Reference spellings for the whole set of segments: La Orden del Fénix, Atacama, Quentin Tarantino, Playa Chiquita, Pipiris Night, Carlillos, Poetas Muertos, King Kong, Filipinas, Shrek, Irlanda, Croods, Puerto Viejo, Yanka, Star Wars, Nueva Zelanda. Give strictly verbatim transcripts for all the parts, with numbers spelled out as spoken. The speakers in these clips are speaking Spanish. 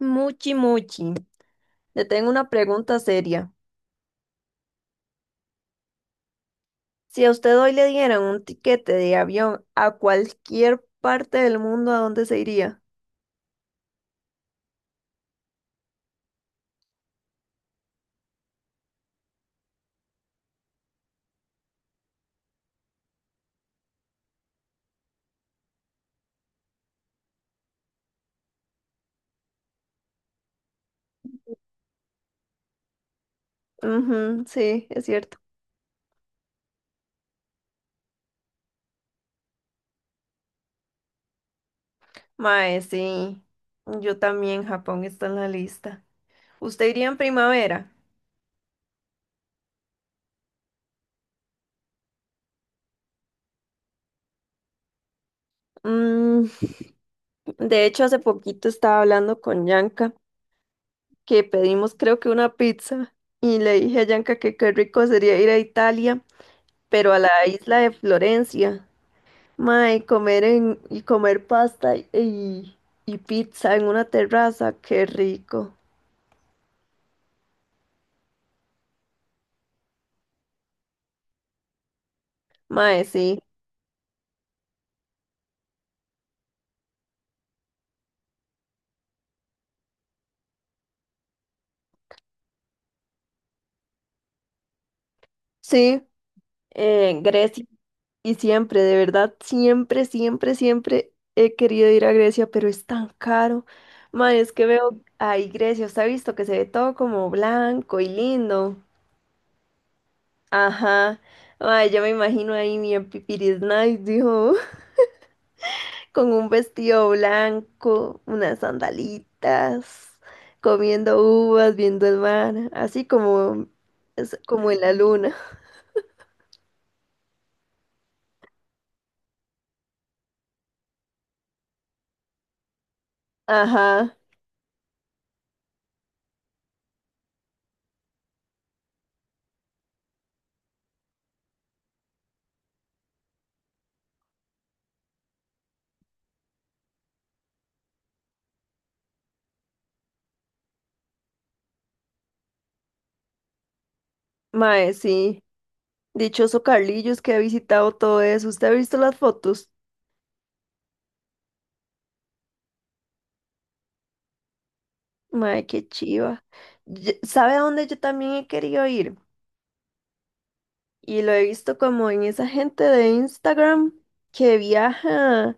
Muchi, muchi, le tengo una pregunta seria. Si a usted hoy le dieran un tiquete de avión a cualquier parte del mundo, ¿a dónde se iría? Ujú, sí, es cierto. Mae, sí, yo también, Japón está en la lista. ¿Usted iría en primavera? Mm, de hecho, hace poquito estaba hablando con Yanka, que pedimos creo que una pizza, y le dije a Yanka que qué rico sería ir a Italia, pero a la isla de Florencia. Mae, comer en, y comer pasta y, y pizza en una terraza, qué rico. Mae, sí. Sí, eh, Grecia. Y siempre, de verdad, siempre, siempre, siempre he querido ir a Grecia, pero es tan caro. Mae, es que veo ahí Grecia, usted ha visto que se ve todo como blanco y lindo. Ajá. Mae, yo me imagino ahí mi en Pipiris Night, dijo. Con un vestido blanco, unas sandalitas, comiendo uvas, viendo el mar, así como, es como en la luna. Ajá, mae, sí. Dichoso Carlillos que ha visitado todo eso. ¿Usted ha visto las fotos? Mae, qué chiva. Ye- ¿Sabe a dónde yo también he querido ir? Y lo he visto como en esa gente de Instagram que viaja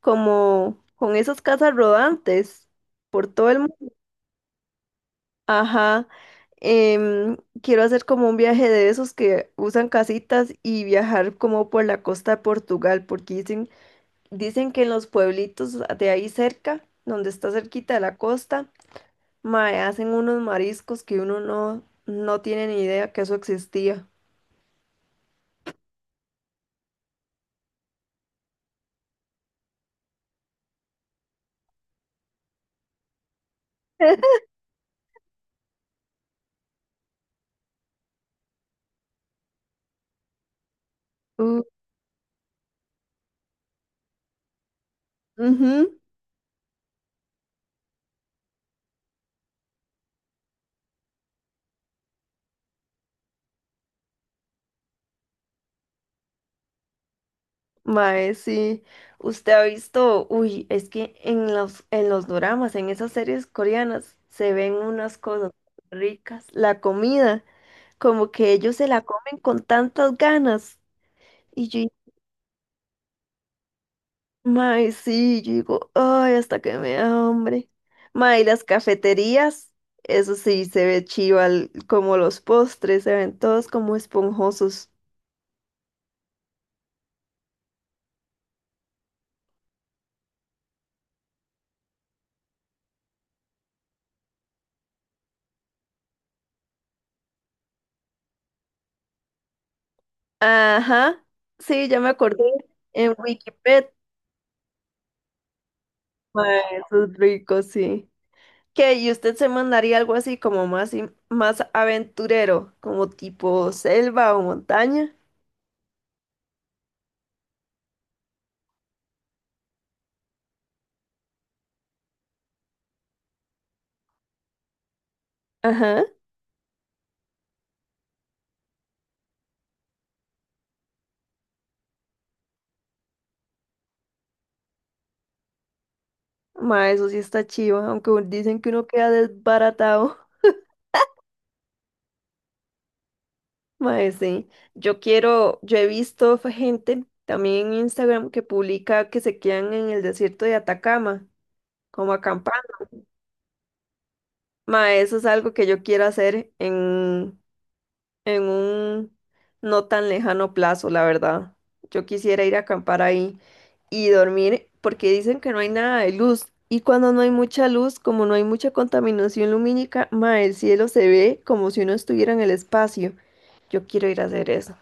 como con esas casas rodantes por todo el mundo. Ajá. Em, Quiero hacer como un viaje de esos que usan casitas y viajar como por la costa de Portugal, porque dicen, dicen que en los pueblitos de ahí cerca, donde está cerquita de la costa, mae, hacen unos mariscos que uno no, no tiene ni idea que eso existía. Uh, ujú, mae, sí. Usted ha visto, uy, es que en los, en los doramas, en esas series coreanas, se ven unas cosas ricas. La comida. Como que ellos se la comen con tantas ganas. Y yo, mae, sí, yo digo, ay, hasta que me da hambre. Mae, y las cafeterías, eso sí, se ve chiva, el- como los postres, se ven todos como esponjosos. Ajá, sí, ya me acordé, en Wikipedia, mae, eso es rico, sí. ¿Qué? ¿Y usted se mandaría algo así como más, in- más aventurero, como tipo selva o montaña? Ajá. Ma, eso sí está chiva, aunque un- dicen que uno queda desbaratado. Ma, sí. Yo quiero, yo he visto fa- gente también en Instagram que publica que se quedan en el desierto de Atacama, como acampando. Ma, eso es algo que yo quiero hacer en, en un no tan lejano plazo, la verdad. Yo quisiera ir a acampar ahí y dormir porque dicen que no hay nada de luz. Y cuando no hay mucha luz, como no hay mucha contaminación lumínica, ma, el cielo se ve como si uno estuviera en el espacio. Yo quiero ir a hacer eso.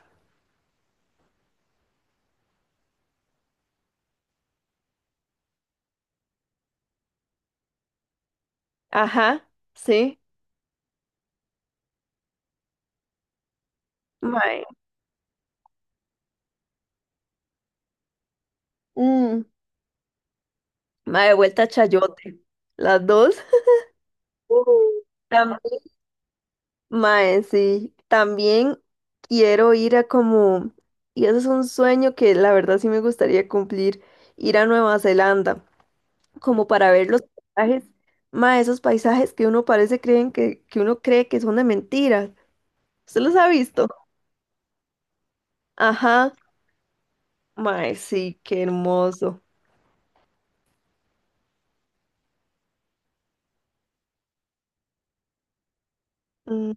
Ajá, sí. Mae, mm, mae, de vuelta a Chayote. Las dos. También. Mae, sí, también quiero ir a como, y eso es un sueño que la verdad sí me gustaría cumplir, ir a Nueva Zelanda, como para ver los paisajes, mae, esos paisajes que uno parece creen que, que uno cree que son de mentira. ¿Usted los ha visto? Ajá, mae, sí, qué hermoso. Mm,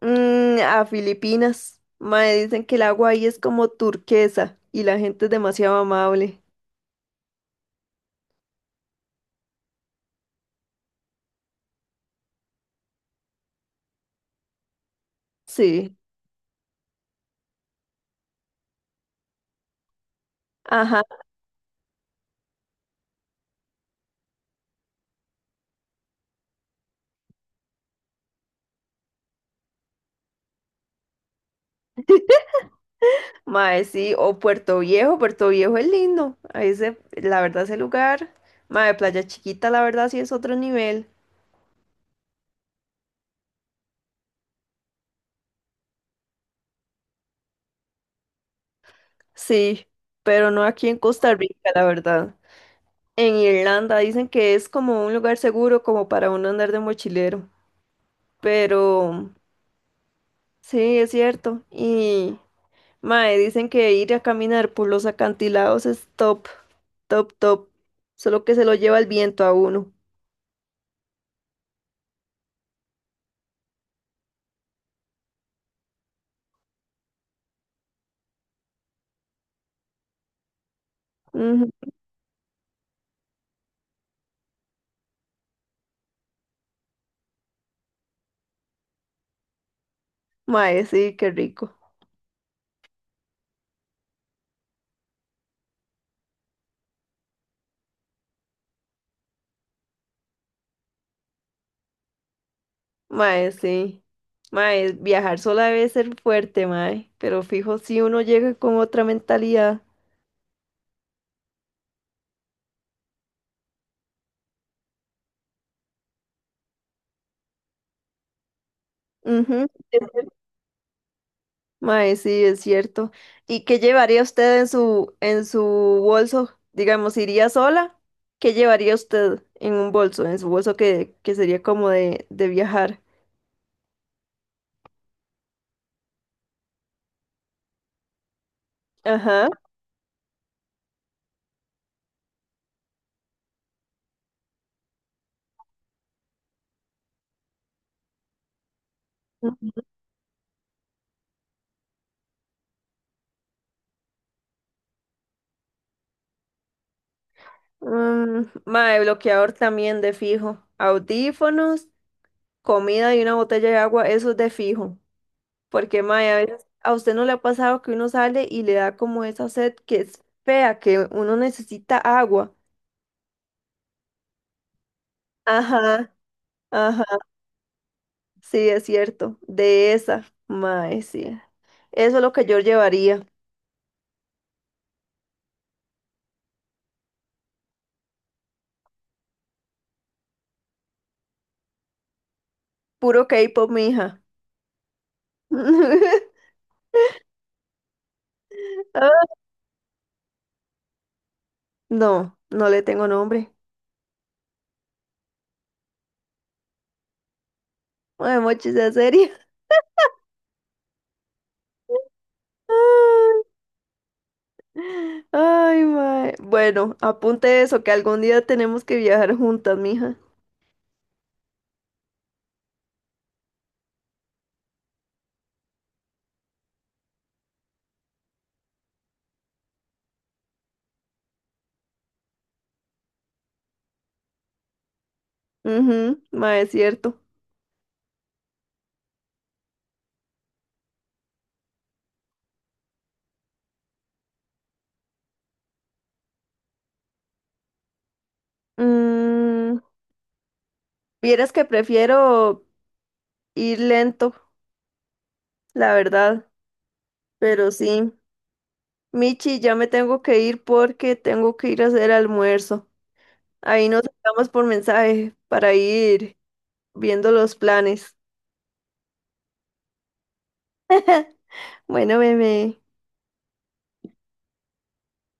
mm, a Filipinas, mae, dicen que el agua ahí es como turquesa y la gente es demasiado amable. Sí, ajá. Mae, sí, o Puerto Viejo, Puerto Viejo es lindo. Ahí se, la verdad, ese lugar. Mae, Playa Chiquita, la verdad, sí es otro nivel. Sí, pero no aquí en Costa Rica, la verdad. En Irlanda dicen que es como un lugar seguro, como para uno andar de mochilero. Pero sí, es cierto. Y mae, dicen que ir a caminar por los acantilados es top, top, top. Solo que se lo lleva el viento a uno. Ujú. Mae, sí, qué rico. Mae, sí. Mae, viajar sola debe ser fuerte, mae. Pero fijo, si uno llega con otra mentalidad. Ujú. Mae, sí, es cierto. ¿Y qué llevaría usted en su, en su bolso? Digamos, ¿iría sola? ¿Qué llevaría usted en un bolso? En su bolso que, que sería como de, de viajar. Ajá. Mm, mae, bloqueador también de fijo. Audífonos, comida y una botella de agua, eso es de fijo. Porque, mae, a veces a usted no le ha pasado que uno sale y le da como esa sed que es fea, que uno necesita agua. Ajá, ajá, sí, es cierto. De esa, mae, sí. Eso es lo que yo llevaría. Puro K-pop, mija. No, no le tengo nombre. Mae, mochi, sea seria. Ay, ay, mae. Bueno, apunte eso, que algún día tenemos que viajar juntas, mija. Mhm, mae, es cierto. Mm, Vieras que prefiero ir lento, la verdad, pero sí. Michi, ya me tengo que ir porque tengo que ir a hacer almuerzo. Ahí nos hablamos por mensaje para ir viendo los planes. Bueno, bebé.